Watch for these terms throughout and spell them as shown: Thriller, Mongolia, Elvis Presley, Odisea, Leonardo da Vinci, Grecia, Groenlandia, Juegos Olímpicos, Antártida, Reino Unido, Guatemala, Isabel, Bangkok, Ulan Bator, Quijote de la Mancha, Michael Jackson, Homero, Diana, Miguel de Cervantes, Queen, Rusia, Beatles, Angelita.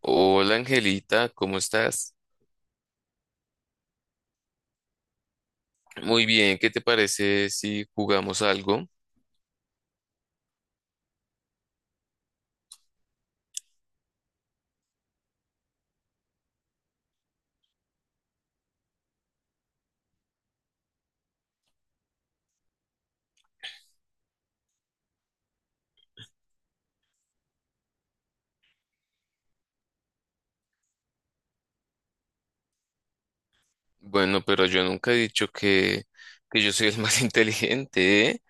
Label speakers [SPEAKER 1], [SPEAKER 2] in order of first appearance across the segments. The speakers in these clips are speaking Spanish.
[SPEAKER 1] Hola Angelita, ¿cómo estás? Muy bien, ¿qué te parece si jugamos algo? Bueno, pero yo nunca he dicho que yo soy el más inteligente, ¿eh?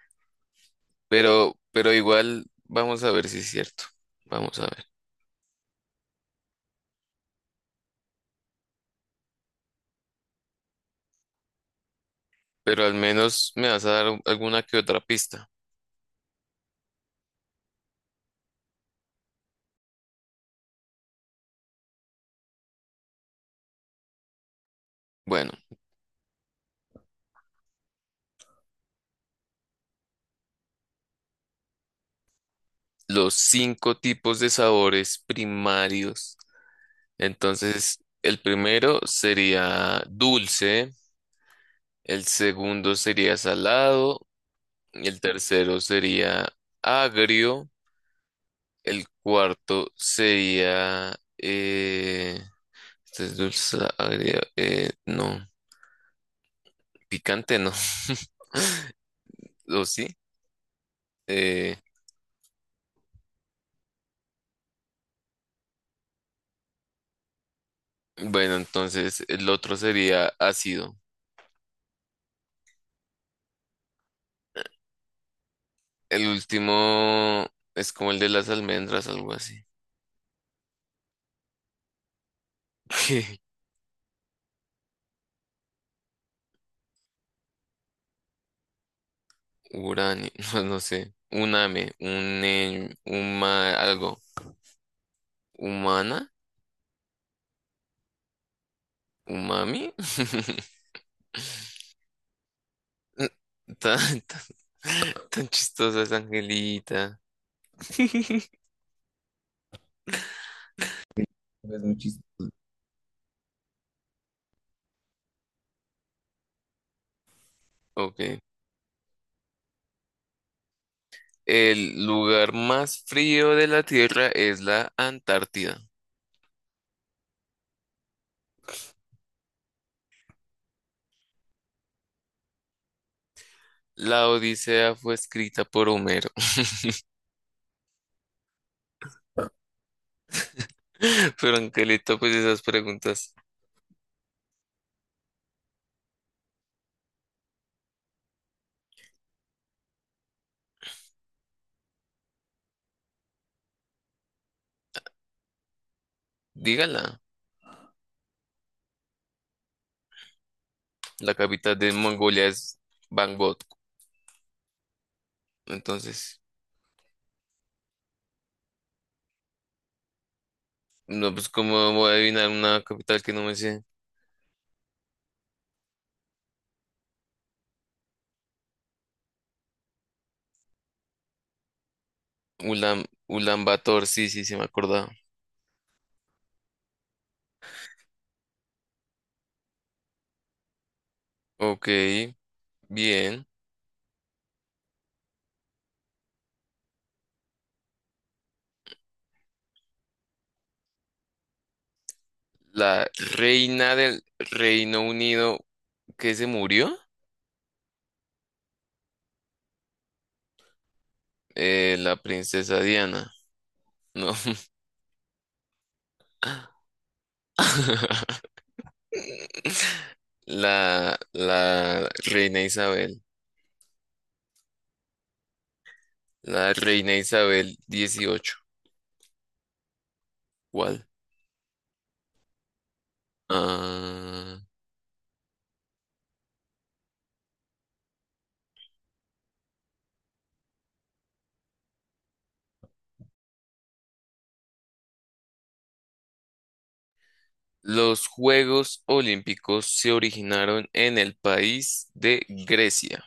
[SPEAKER 1] Pero igual vamos a ver si es cierto. Vamos a ver. Pero al menos me vas a dar alguna que otra pista. Bueno, los cinco tipos de sabores primarios. Entonces, el primero sería dulce, el segundo sería salado, y el tercero sería agrio. El cuarto sería... este es dulce, agrio. No, picante no. ¿O sí? Eh, bueno, entonces el otro sería ácido. El último es como el de las almendras, algo así. Uranio, no, no sé. Uname, un, algo. ¿Humana? ¿Umami? Tan, tan, tan chistosa es Angelita. Es muy chistoso. Ok. El lugar más frío de la Tierra es la Antártida. La Odisea fue escrita por Homero. Pero Angelita, pues esas preguntas, dígala. La capital de Mongolia es Bangkok. Entonces, no, pues cómo voy a adivinar una capital que no me sé. Ulan, Ulan Bator, sí, sí, se me acordaba. Ok, bien. La reina del Reino Unido que se murió, la princesa Diana, no. La reina Isabel, la reina Isabel dieciocho. ¿Cuál? Ah, los Juegos Olímpicos se originaron en el país de Grecia.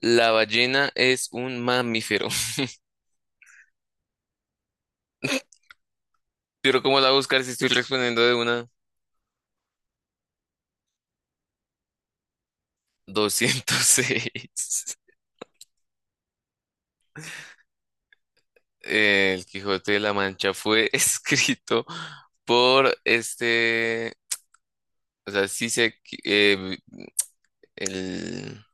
[SPEAKER 1] La ballena es un mamífero. Pero, ¿cómo la voy a buscar si estoy respondiendo de una? 206. El Quijote de la Mancha fue escrito por este, o sea, el,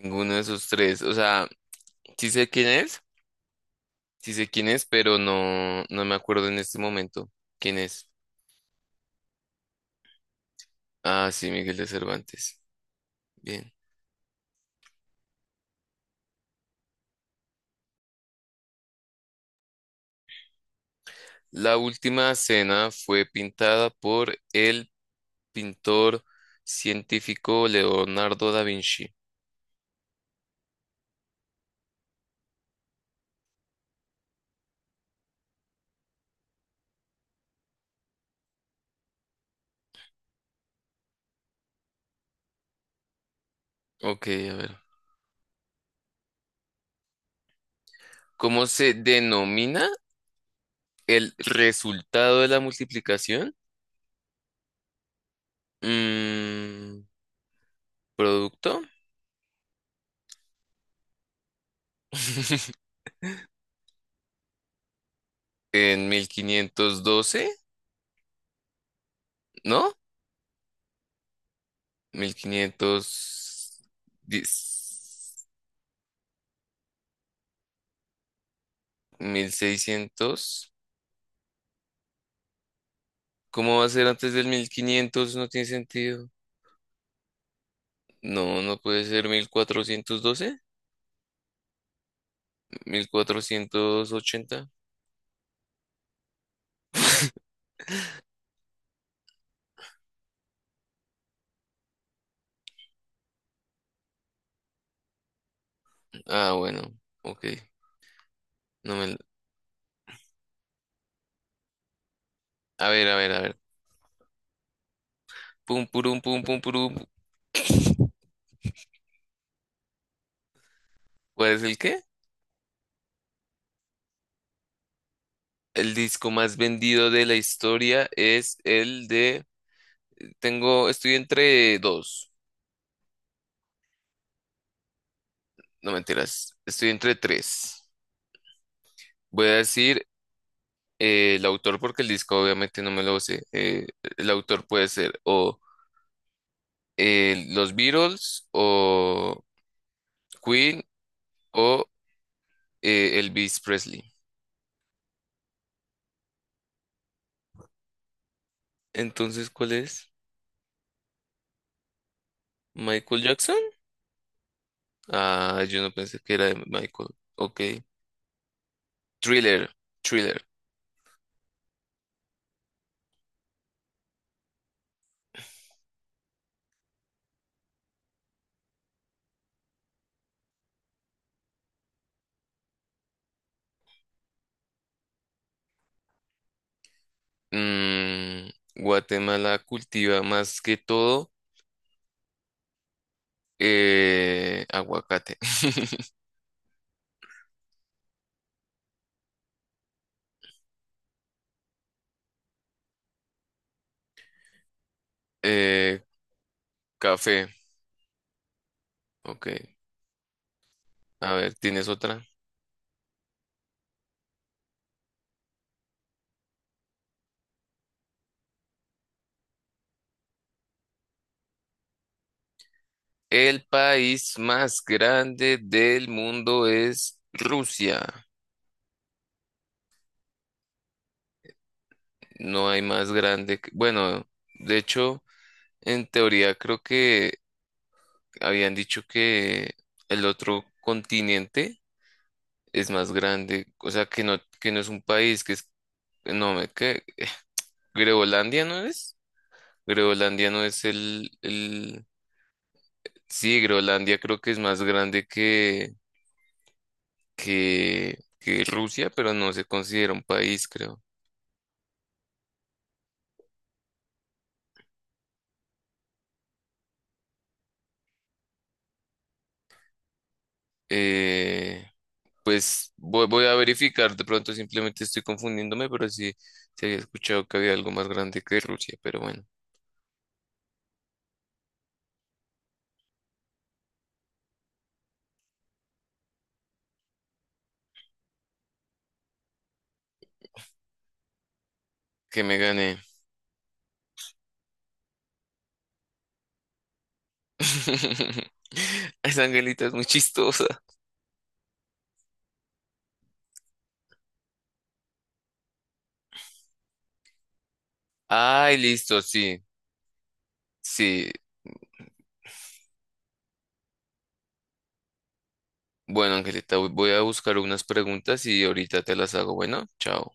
[SPEAKER 1] ninguno de esos tres, o sea, sí sé quién es, sí sé quién es, pero no me acuerdo en este momento quién es. Ah, sí, Miguel de Cervantes. Bien. La última cena fue pintada por el pintor científico Leonardo da Vinci. Ok, a ver. ¿Cómo se denomina? El resultado de la multiplicación. mm, Producto. En 1512. ¿No? 1510, 1600. ¿Cómo va a ser antes del 1500? No tiene sentido. No, no puede ser 1412, 1480. Ah, bueno. Ok. No me... A ver, a ver, a ver. Pum, purum, pum, pum, purum. ¿Cuál es el qué? El disco más vendido de la historia es el de... Tengo, estoy entre dos, no mentiras, estoy entre tres. Voy a decir el autor porque el disco obviamente no me lo sé. El autor puede ser o los Beatles o Queen o Elvis Presley. Entonces, ¿cuál es? ¿Michael Jackson? Ah, yo no pensé que era de Michael. Ok. Thriller, Thriller. Mm, Guatemala cultiva más que todo aguacate. Eh, café. Ok. A ver, ¿tienes otra? El país más grande del mundo es Rusia. No hay más grande. Que... bueno, de hecho, en teoría creo que habían dicho que el otro continente es más grande. O sea, que no es un país, que es... No, me... que Groenlandia, ¿no es? Groenlandia no es el... Sí, Groenlandia creo que es más grande que, que Rusia, pero no se considera un país, creo. Eh, pues voy a verificar, de pronto simplemente estoy confundiéndome, pero sí, se había escuchado que había algo más grande que Rusia, pero bueno. Que me gané. Esa angelita es muy chistosa. Ay, listo, sí, sí. Bueno, Angelita, voy a buscar unas preguntas y ahorita te las hago. Bueno, chao.